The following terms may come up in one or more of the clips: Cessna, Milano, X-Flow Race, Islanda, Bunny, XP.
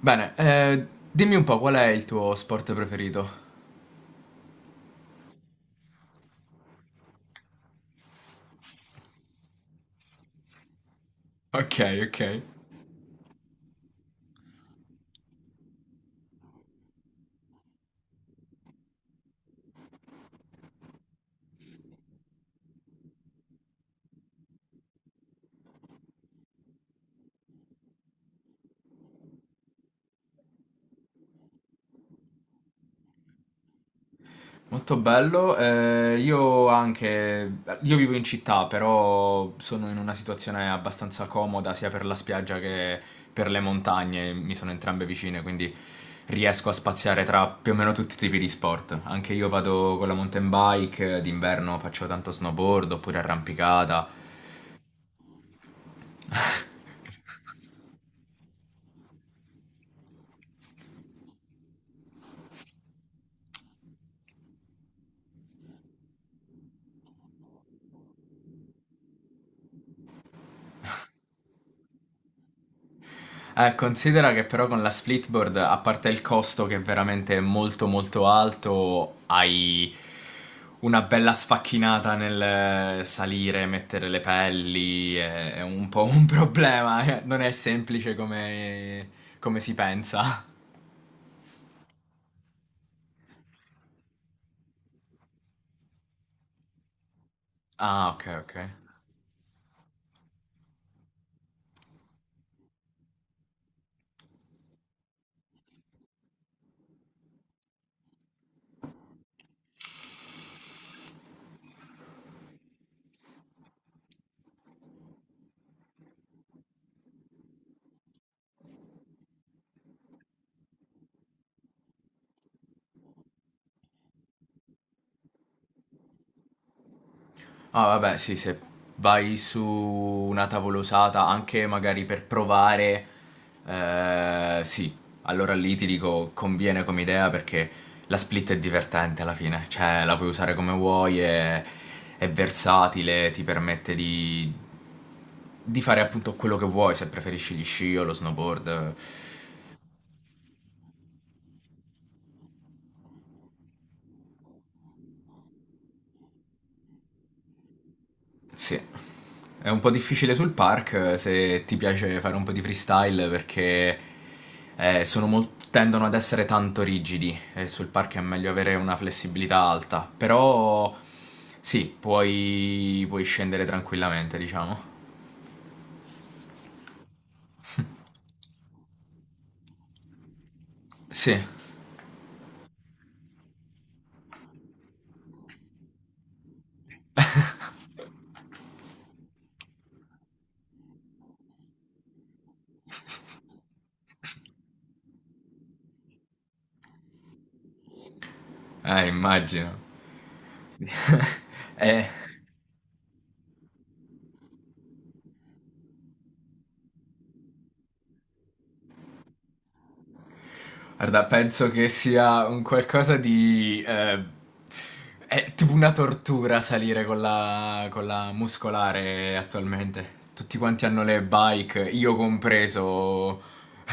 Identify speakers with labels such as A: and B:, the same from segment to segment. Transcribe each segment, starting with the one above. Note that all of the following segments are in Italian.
A: Bene, dimmi un po' qual è il tuo sport preferito? Ok, ok. Molto bello, io anche, io vivo in città, però sono in una situazione abbastanza comoda sia per la spiaggia che per le montagne, mi sono entrambe vicine, quindi riesco a spaziare tra più o meno tutti i tipi di sport. Anche io vado con la mountain bike, d'inverno faccio tanto snowboard oppure arrampicata. Considera che però con la splitboard, a parte il costo che è veramente molto molto alto, hai una bella sfacchinata nel salire, mettere le pelli, è un po' un problema, non è semplice come si pensa. Ah, ok, ok. Ah, vabbè, sì, se vai su una tavolosata anche magari per provare, sì, allora lì ti dico conviene come idea perché la split è divertente alla fine, cioè la puoi usare come vuoi, è versatile, ti permette di fare appunto quello che vuoi, se preferisci gli sci o lo snowboard. Sì. È un po' difficile sul park se ti piace fare un po' di freestyle perché tendono ad essere tanto rigidi e sul park è meglio avere una flessibilità alta, però sì, puoi scendere tranquillamente, diciamo. Sì, immagino. Eh. Guarda, penso che sia un qualcosa di. È tipo una tortura salire con la muscolare attualmente. Tutti quanti hanno le bike, io compreso,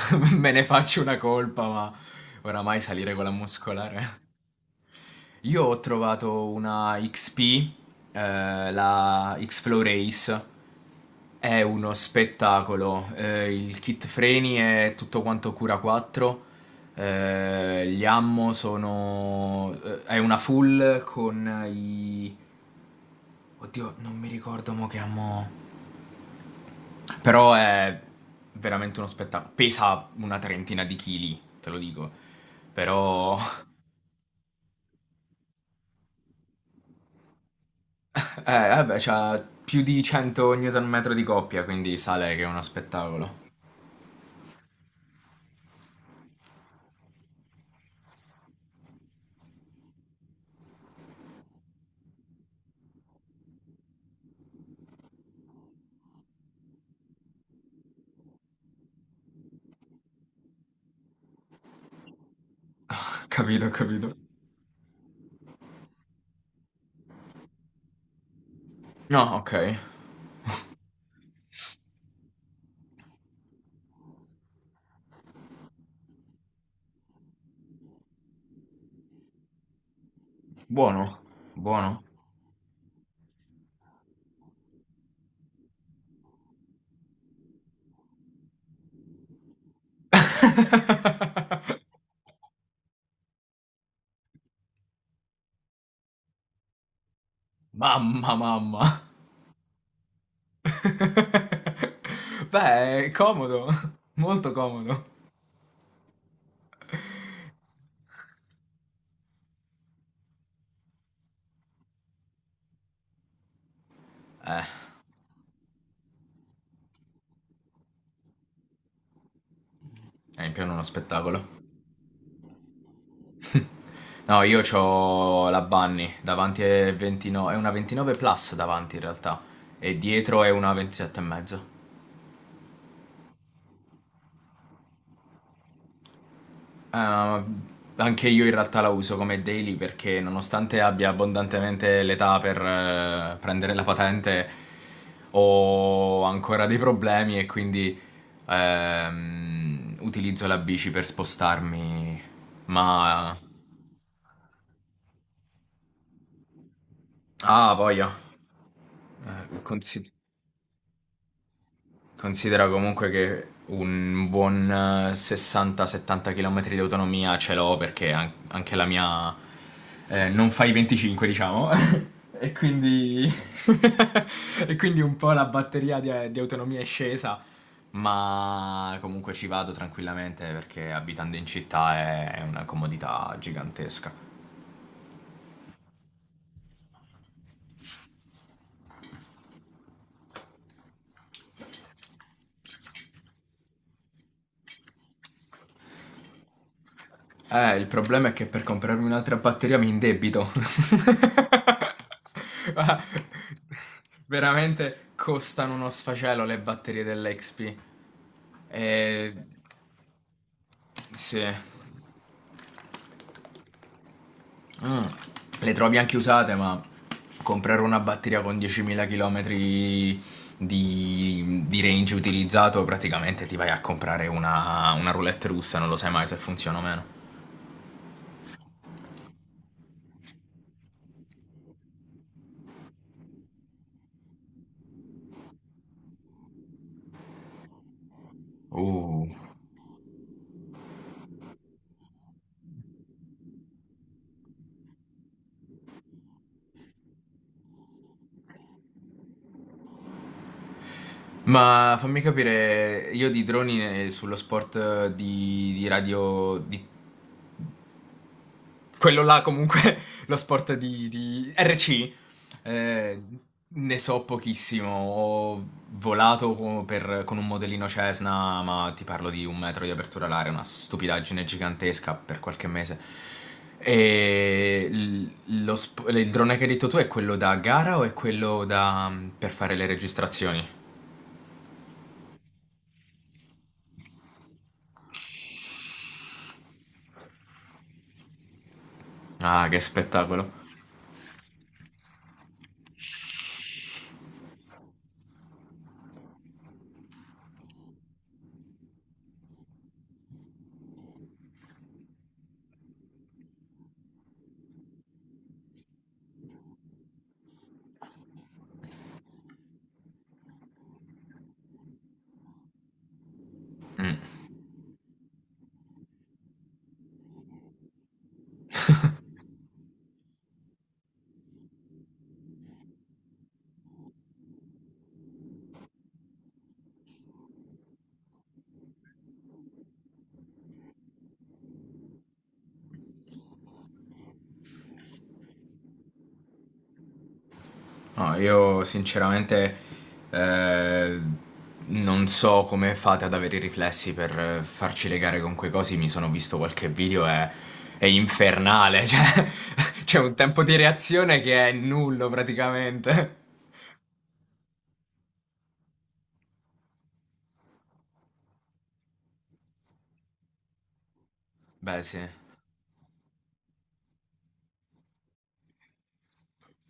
A: me ne faccio una colpa, ma oramai salire con la muscolare. Io ho trovato una XP, la X-Flow Race, è uno spettacolo. Il kit freni è tutto quanto cura 4. Gli ammo sono. È una full con i. Oddio, non mi ricordo mo che ammo. Però è veramente uno spettacolo. Pesa una trentina di chili, te lo dico. Però. Vabbè, c'ha più di 100 Nm di coppia, quindi sale che è uno spettacolo. Capito, capito. No, ok. Buono, buono. Mamma, mamma. Beh, è comodo, molto comodo. Eh, è in pieno uno spettacolo. No, io ho la Bunny davanti è 29, è una 29 plus davanti in realtà e dietro è una 27 e mezzo. Ah, anche io in realtà la uso come daily perché nonostante abbia abbondantemente l'età per prendere la patente, ho ancora dei problemi e quindi utilizzo la bici per spostarmi. Ma. Ah, voglia. Eh, consi- Considera comunque che un buon 60-70 km di autonomia ce l'ho perché anche la mia non fa i 25, diciamo. E quindi. E quindi un po' la batteria di autonomia è scesa. Ma comunque ci vado tranquillamente perché abitando in città è una comodità gigantesca. Il problema è che per comprarmi un'altra batteria mi indebito. Ah. Veramente costano uno sfacelo le batterie dell'XP. E. Sì. Mm. Le trovi anche usate, ma comprare una batteria con 10.000 km di range utilizzato, praticamente ti vai a comprare una roulette russa, non lo sai mai se funziona o meno. Uh. Ma fammi capire, io di droni sullo sport di radio, di quello là comunque, lo sport di RC, eh, ne so pochissimo. Ho volato con un modellino Cessna, ma ti parlo di un metro di apertura all'aria, una stupidaggine gigantesca per qualche mese. E il drone che hai detto tu è quello da gara o è quello da, per fare le registrazioni? Ah, che spettacolo. Mm. No, io sinceramente eh, non so come fate ad avere i riflessi per farci legare con quei cosi. Mi sono visto qualche video e è infernale. Cioè, c'è un tempo di reazione che è nullo praticamente. Beh, sì.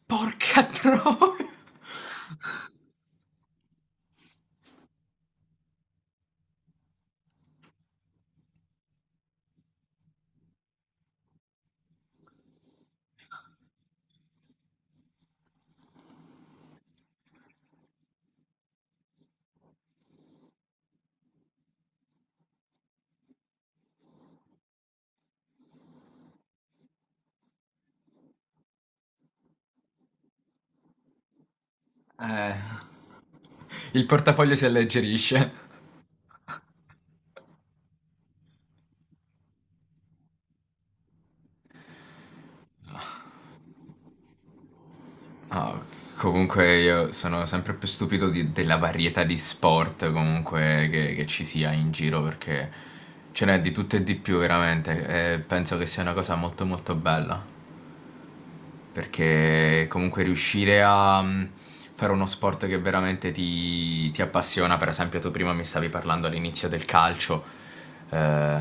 A: Porca troia! Eh, il portafoglio si alleggerisce. Ah, comunque io sono sempre più stupito della varietà di sport comunque che ci sia in giro perché ce n'è di tutto e di più veramente e penso che sia una cosa molto molto bella perché comunque riuscire a fare uno sport che veramente ti appassiona, per esempio tu prima mi stavi parlando all'inizio del calcio, eh,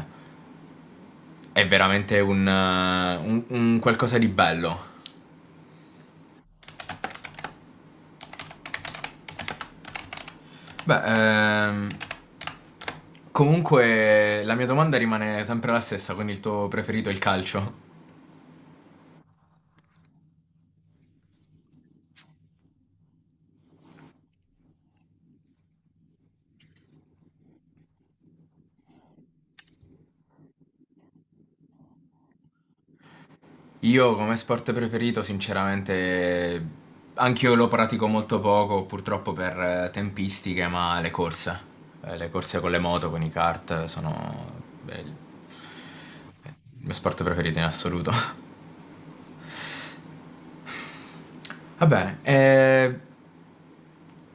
A: è veramente un qualcosa di bello. Beh, ehm, comunque la mia domanda rimane sempre la stessa, quindi il tuo preferito è il calcio? Io come sport preferito, sinceramente, anch'io lo pratico molto poco, purtroppo per tempistiche, ma le corse. Le corse con le moto, con i kart, sono beh, il mio sport preferito in assoluto. Va bene,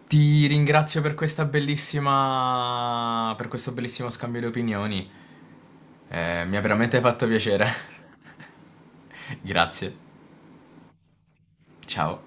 A: ti ringrazio per questa bellissima, per questo bellissimo scambio di opinioni. Mi ha veramente fatto piacere. Grazie. Ciao.